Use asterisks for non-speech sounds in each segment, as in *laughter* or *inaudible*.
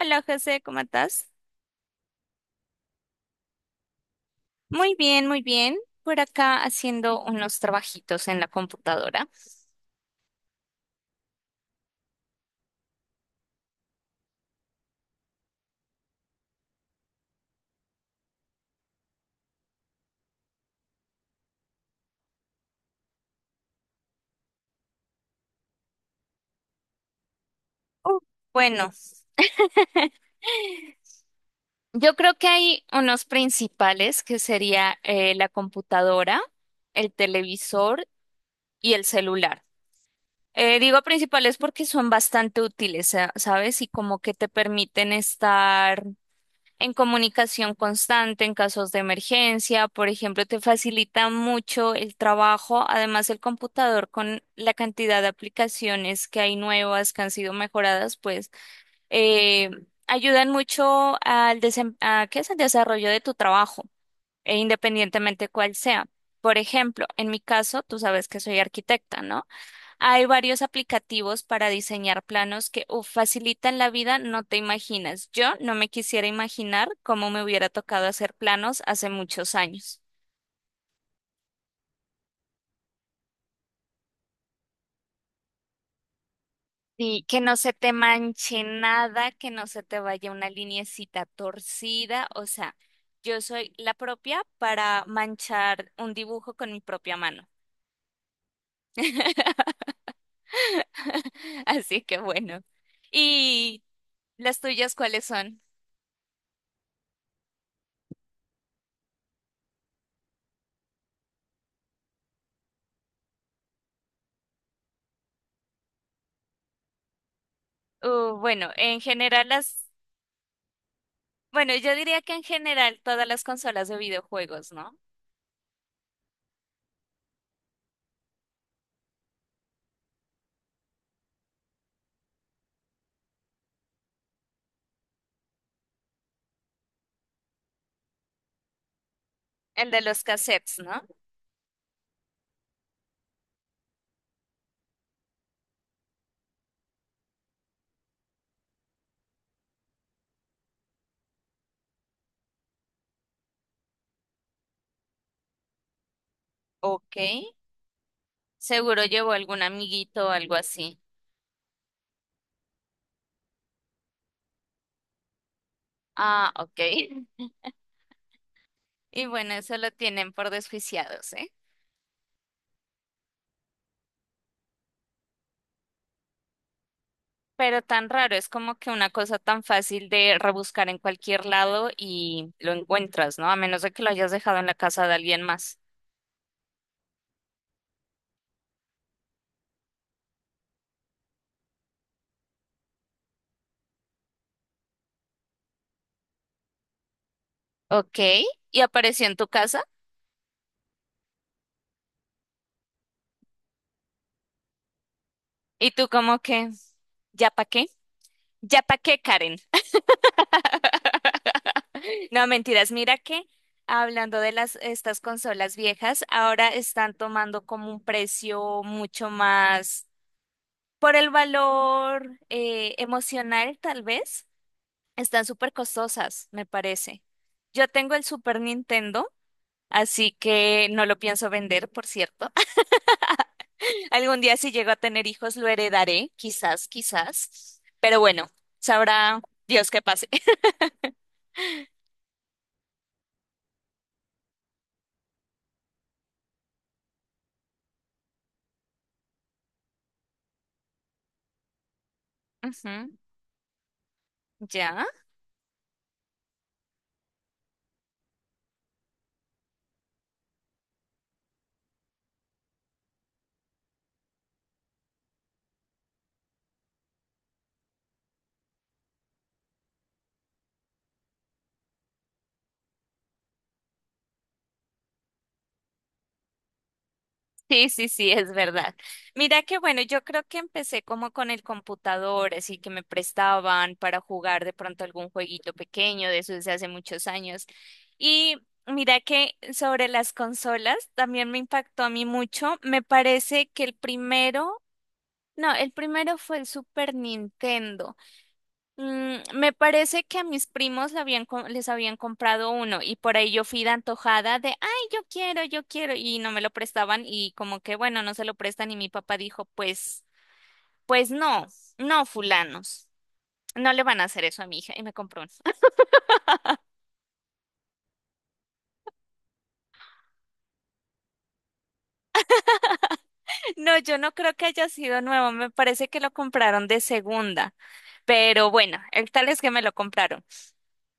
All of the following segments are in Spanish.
Hola José, ¿cómo estás? Muy bien, muy bien. Por acá haciendo unos trabajitos en la computadora. Uh, Bueno, yo creo que hay unos principales que sería la computadora, el televisor y el celular. Digo principales porque son bastante útiles, ¿sabes? Y como que te permiten estar en comunicación constante, en casos de emergencia, por ejemplo, te facilita mucho el trabajo. Además, el computador con la cantidad de aplicaciones que hay nuevas, que han sido mejoradas, pues eh, ayudan mucho al ¿qué es? Al desarrollo de tu trabajo, e independientemente cuál sea. Por ejemplo, en mi caso, tú sabes que soy arquitecta, ¿no? Hay varios aplicativos para diseñar planos que uf, facilitan la vida, no te imaginas. Yo no me quisiera imaginar cómo me hubiera tocado hacer planos hace muchos años. Sí, que no se te manche nada, que no se te vaya una lineecita torcida, o sea, yo soy la propia para manchar un dibujo con mi propia mano. *laughs* Así que bueno. ¿Y las tuyas cuáles son? Bueno, en general las... Bueno, yo diría que en general todas las consolas de videojuegos, ¿no? ¿El de los cassettes, no? Ok. Seguro llevó algún amiguito o algo así. Ah, ok. *laughs* Y bueno, eso lo tienen por desjuiciados, ¿eh? Pero tan raro, es como que una cosa tan fácil de rebuscar en cualquier lado y lo encuentras, ¿no? A menos de que lo hayas dejado en la casa de alguien más. Ok. Y apareció en tu casa. Y tú como que, ¿ya pa' qué? ¿Ya pa' qué, Karen? *laughs* No, mentiras. Mira que hablando de las estas consolas viejas, ahora están tomando como un precio mucho más por el valor emocional, tal vez. Están súper costosas, me parece. Yo tengo el Super Nintendo, así que no lo pienso vender, por cierto. *laughs* Algún día si llego a tener hijos lo heredaré, quizás, quizás. Pero bueno, sabrá Dios qué pase. *laughs* Ujú, ya. Sí, sí, sí, es verdad. Mira que bueno, yo creo que empecé como con el computador, así que me prestaban para jugar de pronto algún jueguito pequeño, de eso desde hace muchos años. Y mira que sobre las consolas también me impactó a mí mucho. Me parece que el primero, no, el primero fue el Super Nintendo. Mm, me parece que a mis primos le habían les habían comprado uno y por ahí yo fui de antojada de, ay, yo quiero, y no me lo prestaban y como que, bueno, no se lo prestan y mi papá dijo, pues, pues no, no, fulanos, no le van a hacer eso a mi hija y me compró uno. *laughs* No, yo no creo que haya sido nuevo, me parece que lo compraron de segunda, pero bueno, el tal es que me lo compraron.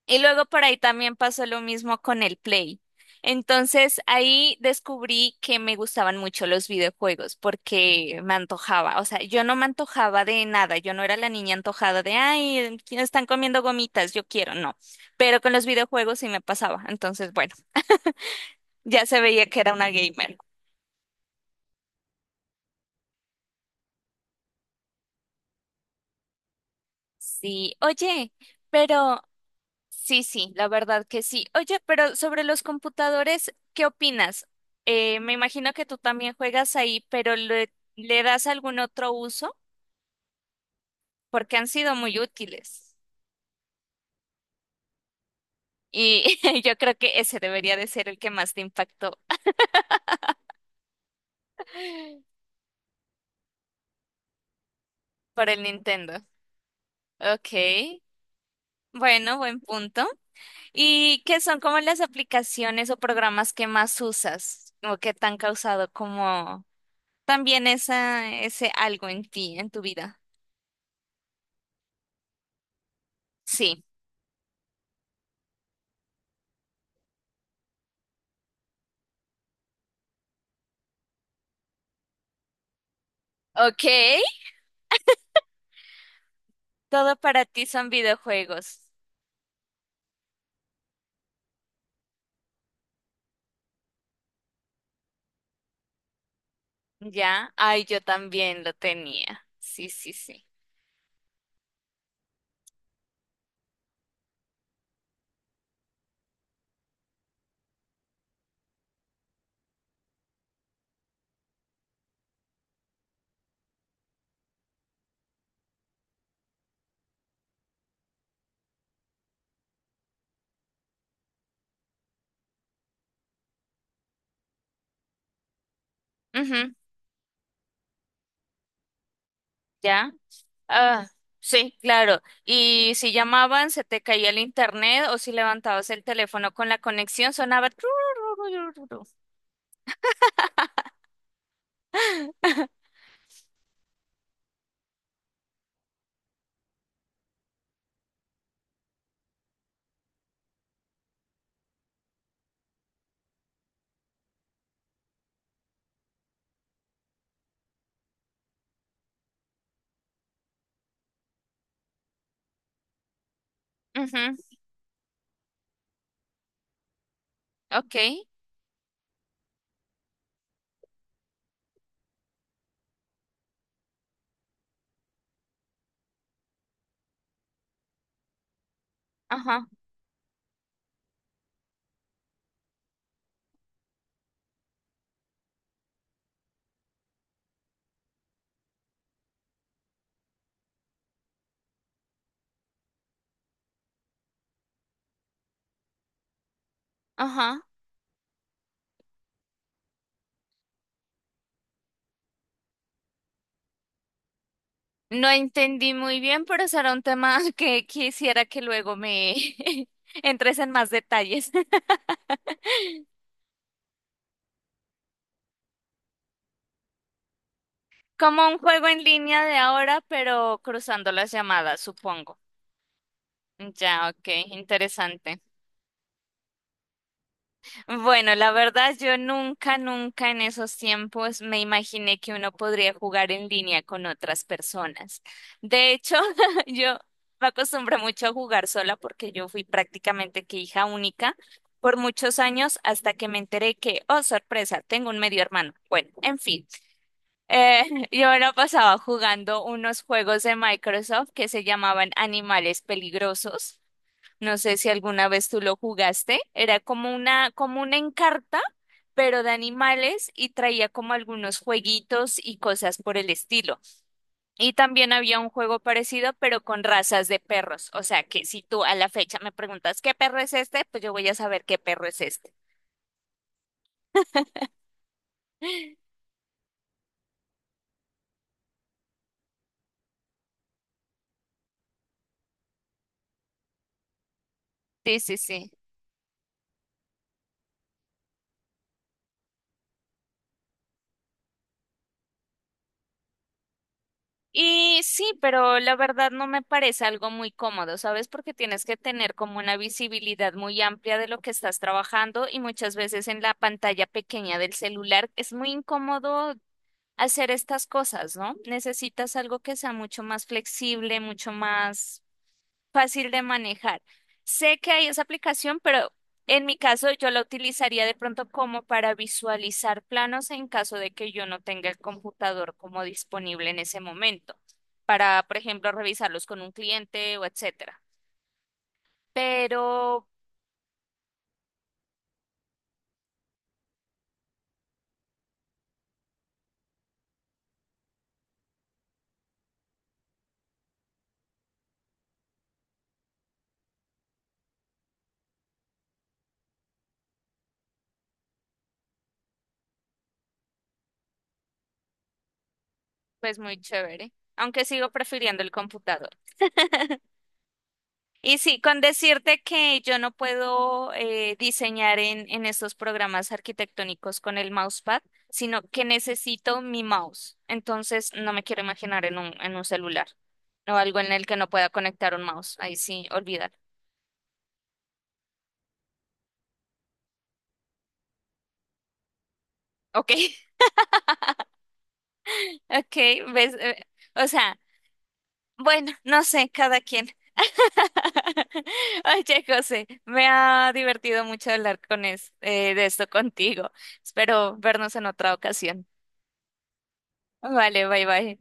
Y luego por ahí también pasó lo mismo con el Play. Entonces ahí descubrí que me gustaban mucho los videojuegos porque me antojaba. O sea, yo no me antojaba de nada. Yo no era la niña antojada de, ay, están comiendo gomitas, yo quiero. No. Pero con los videojuegos sí me pasaba. Entonces, bueno, ya se veía que era una gamer. Sí, oye, pero... Sí, sí, la verdad que sí. Oye, pero sobre los computadores, ¿qué opinas? Me imagino que tú también juegas ahí, pero le das algún otro uso? Porque han sido muy útiles. Y *laughs* yo creo que ese debería de ser el que más te impactó por el Nintendo. Ok, bueno, buen punto. ¿Y qué son como las aplicaciones o programas que más usas o que te han causado como también ese algo en ti, en tu vida? Sí. Ok, todo para ti son videojuegos. Ya, ay, yo también lo tenía. Sí, sí, sí. Ujú, ya. Ah, sí, claro. Y si llamaban, se te caía el internet o si levantabas el teléfono con la conexión, sonaba. Trurururururu. *laughs* Ujú, ok, ajá, ajá. No entendí muy bien, pero será un tema *laughs* que quisiera que luego me *laughs* entres en más detalles. Como un juego en línea de ahora, pero cruzando las llamadas, supongo. Ya, ok, interesante. Bueno, la verdad, yo nunca, nunca en esos tiempos me imaginé que uno podría jugar en línea con otras personas. De hecho, *laughs* yo me acostumbré mucho a jugar sola porque yo fui prácticamente que hija única por muchos años hasta que me enteré que, oh, sorpresa, tengo un medio hermano. Bueno, en fin. Eh, *laughs* yo me lo pasaba jugando unos juegos de Microsoft que se llamaban Animales Peligrosos. No sé si alguna vez tú lo jugaste. Era como una Encarta, pero de animales y traía como algunos jueguitos y cosas por el estilo. Y también había un juego parecido, pero con razas de perros. O sea que si tú a la fecha me preguntas qué perro es este, pues yo voy a saber qué perro es este. Sí, sí, sí. Y sí, pero la verdad no me parece algo muy cómodo, ¿sabes? Porque tienes que tener como una visibilidad muy amplia de lo que estás trabajando y muchas veces en la pantalla pequeña del celular es muy incómodo hacer estas cosas, ¿no? Necesitas algo que sea mucho más flexible, mucho más fácil de manejar. Sé que hay esa aplicación, pero en mi caso yo la utilizaría de pronto como para visualizar planos en caso de que yo no tenga el computador como disponible en ese momento, para, por ejemplo, revisarlos con un cliente o etcétera. Pero, pues muy chévere, aunque sigo prefiriendo el computador. Y sí, con decirte que yo no puedo diseñar en estos programas arquitectónicos con el mousepad, sino que necesito mi mouse. Entonces, no me quiero imaginar en un celular o algo en el que no pueda conectar un mouse. Ahí sí, olvidar. Ok, *laughs* ok, ves, o sea, bueno, no sé, cada quien. *laughs* Oye, José, me ha divertido mucho hablar con de esto contigo. Espero vernos en otra ocasión. Vale, bye bye.